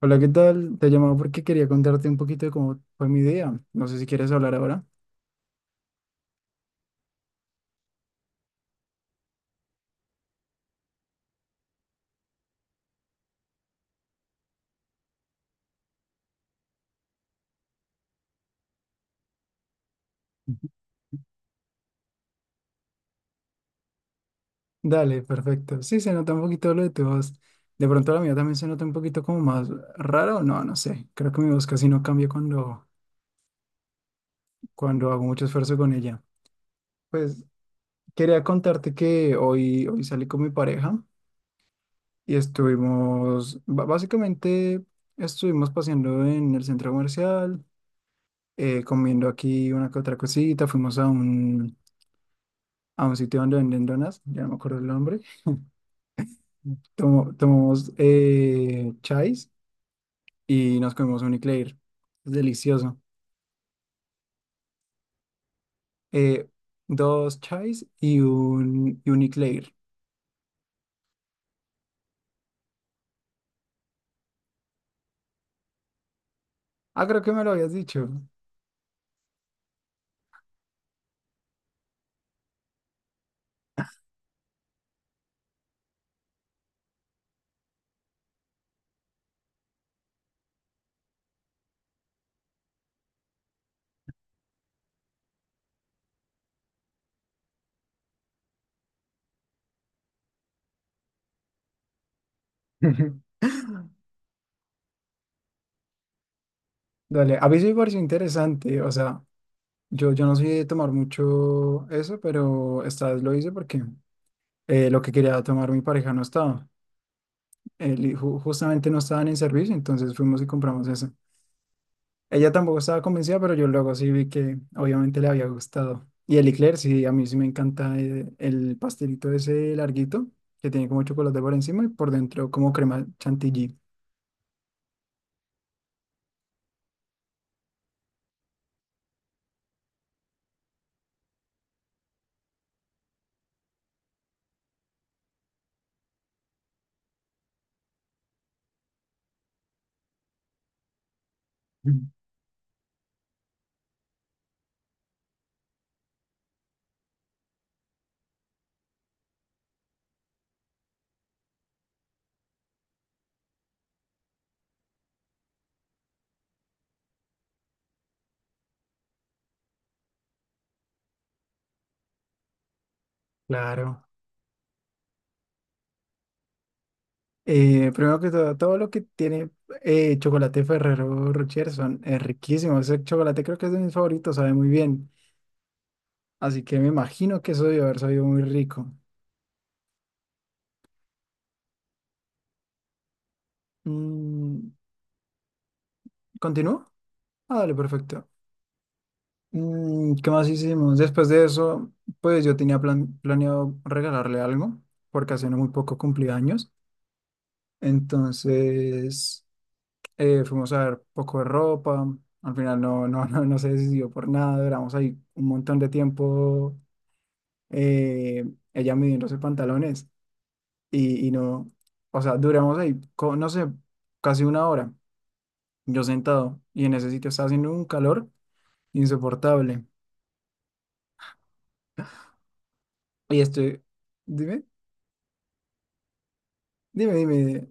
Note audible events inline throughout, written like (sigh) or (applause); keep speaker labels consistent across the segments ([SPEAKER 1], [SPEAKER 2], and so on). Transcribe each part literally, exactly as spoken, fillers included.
[SPEAKER 1] Hola, ¿qué tal? Te llamaba porque quería contarte un poquito de cómo fue mi día. No sé si quieres hablar ahora. Ujú. Dale, perfecto. Sí, se nota un poquito lo de tu voz. De pronto la mía también se nota un poquito como más rara o no, no sé. Creo que mi voz casi no cambia cuando, cuando hago mucho esfuerzo con ella. Pues quería contarte que hoy, hoy salí con mi pareja y estuvimos, ba- básicamente estuvimos paseando en el centro comercial, eh, comiendo aquí una que otra cosita, fuimos a un, a un sitio donde venden donas, ya no me acuerdo el nombre. Tomo- tomamos eh, chais y nos comimos un eclair. Es delicioso. Eh, dos chais y un, y un eclair. Ah, creo que me lo habías dicho. (laughs) Dale, a mí sí me pareció interesante. O sea, yo, yo no soy de tomar mucho eso, pero esta vez lo hice porque eh, lo que quería tomar mi pareja no estaba. Él y ju- justamente no estaban en servicio, entonces fuimos y compramos eso. Ella tampoco estaba convencida, pero yo luego sí vi que obviamente le había gustado. Y el eclair, sí, a mí sí me encanta eh, el pastelito ese larguito, que tiene como chocolate por encima y por dentro como crema chantilly. Mm. Claro. Eh, primero que todo, todo lo que tiene eh, chocolate Ferrero Rocher son, es riquísimo. Ese chocolate creo que es de mis favoritos, sabe muy bien. Así que me imagino que eso debe haber sabido muy rico. Mm, ¿continúo? Ah, dale, perfecto. Mm, ¿qué más hicimos? Después de eso, pues yo tenía plan- planeado regalarle algo, porque hace no muy poco cumplí años. Entonces, eh, fuimos a ver poco de ropa. Al final no, no, no, no se decidió por nada. Duramos ahí un montón de tiempo eh, ella midiéndose pantalones y, y no, o sea, duramos ahí, co- no sé, casi una hora, yo sentado y en ese sitio estaba haciendo un calor insoportable. Y estoy, dime, dime, dime.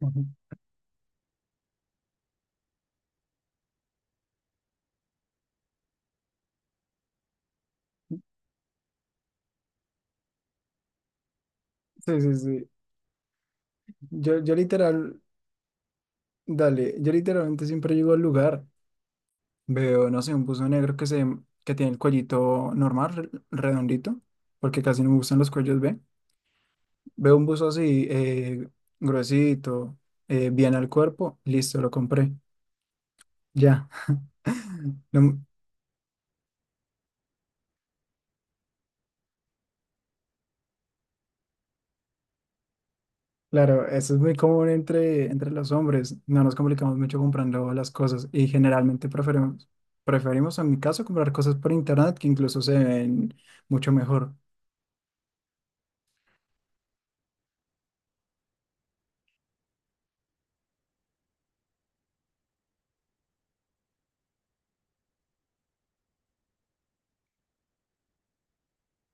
[SPEAKER 1] Ujú. Sí, sí, sí. Yo, yo literal, dale, yo literalmente siempre llego al lugar, veo, no sé, un buzo negro que se, que tiene el cuellito normal, re- redondito, porque casi no me gustan los cuellos B. Veo un buzo así, eh, gruesito, eh, bien al cuerpo, listo, lo compré, ya. (laughs) No- claro, eso es muy común entre, entre los hombres, no nos complicamos mucho comprando las cosas y generalmente preferimos, preferimos en mi caso comprar cosas por internet que incluso se ven mucho mejor.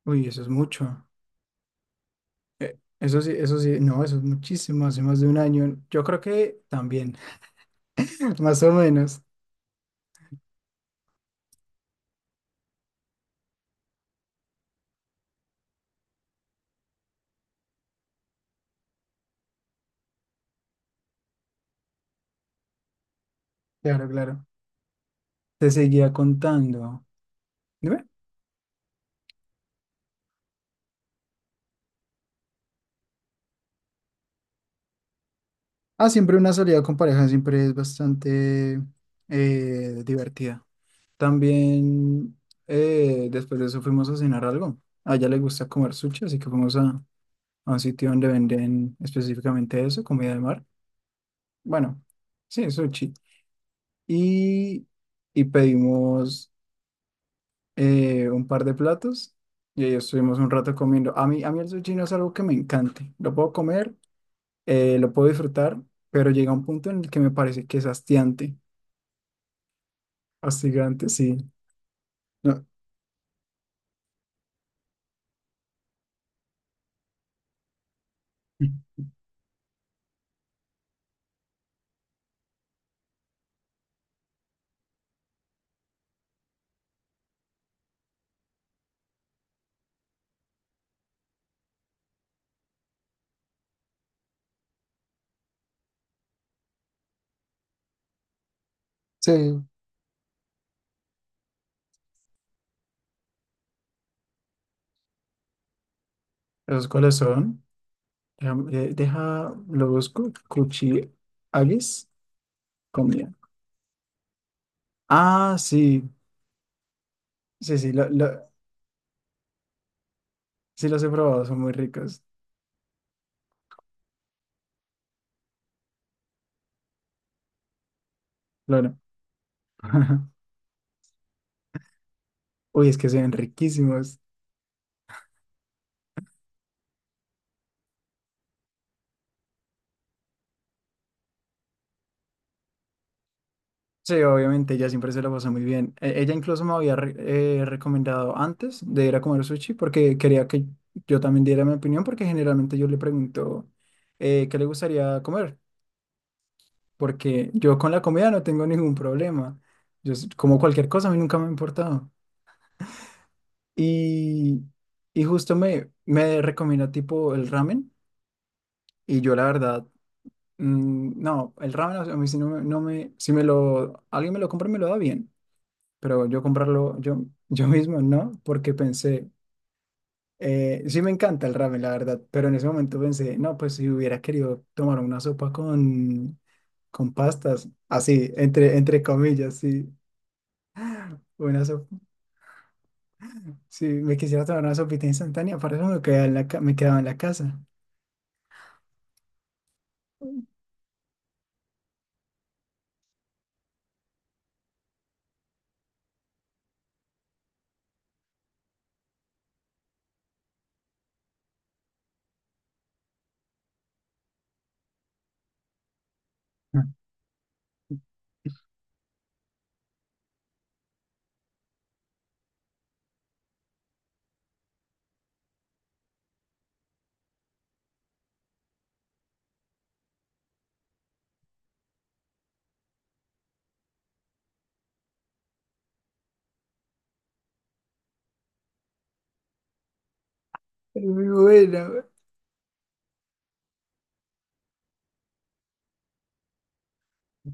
[SPEAKER 1] Uy, eso es mucho. Eh, Eso sí, eso sí, no, eso es muchísimo, hace más de un año. Yo creo que también, (laughs) más o menos. Claro, claro. Te seguía contando. Dime. Ah, siempre una salida con pareja siempre es bastante eh, divertida. También eh, después de eso fuimos a cenar algo. A ella le gusta comer sushi, así que fuimos a, a un sitio donde venden específicamente eso, comida de mar. Bueno, sí, sushi. Y, y pedimos, eh, un par de platos y ahí estuvimos un rato comiendo. A mí, a mí el sushi no es algo que me encante. Lo puedo comer, eh, lo puedo disfrutar, pero llega un punto en el que me parece que es hastiante. Hastigante, sí. No, sí. ¿Esos cuáles son? Déjame- eh, Deja, lo busco. Kuchi agis, comida. Ah, sí. Sí, sí, lo- lo- sí los he probado, son muy ricos. Claro. (laughs) Uy, es que se ven riquísimos. Sí, obviamente, ella siempre se la pasa muy bien. E- Ella incluso me había re- eh, recomendado antes de ir a comer sushi porque quería que yo también diera mi opinión porque generalmente yo le pregunto eh, qué le gustaría comer, porque yo con la comida no tengo ningún problema. Yo s- como cualquier cosa, a mí nunca me ha importado. Y, y justo me, me recomienda tipo el ramen y yo la verdad, mm, no, el ramen a mí si no, me, no me, si me lo, alguien me lo compra, y me lo da bien pero yo comprarlo yo, (laughs) yo mismo no, porque pensé, eh, sí me encanta el ramen, la verdad, pero en ese momento pensé, no, pues si hubiera querido tomar una sopa con, con pastas, así, entre, entre comillas, sí, una sopa, si me quisiera tomar una sopita instantánea, para eso me quedaba en la, ca- me quedaba en la casa. Mm. (laughs) Es muy buena, güey.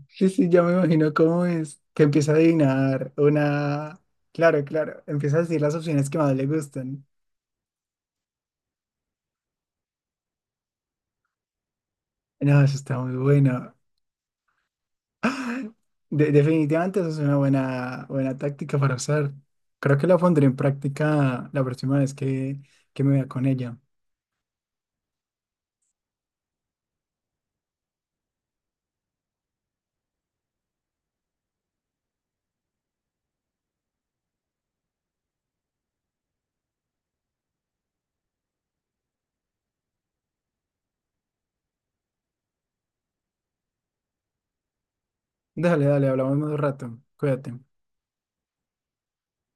[SPEAKER 1] Sí, sí, ya me imagino cómo es. Que empieza a adivinar una. Claro, claro. Empieza a decir las opciones que más le gustan. No, eso está muy bueno. De- definitivamente eso es una buena, buena táctica para usar. Creo que la pondré en práctica la próxima vez que, que me vea con ella. Déjale, dale, hablamos más rato. Cuídate.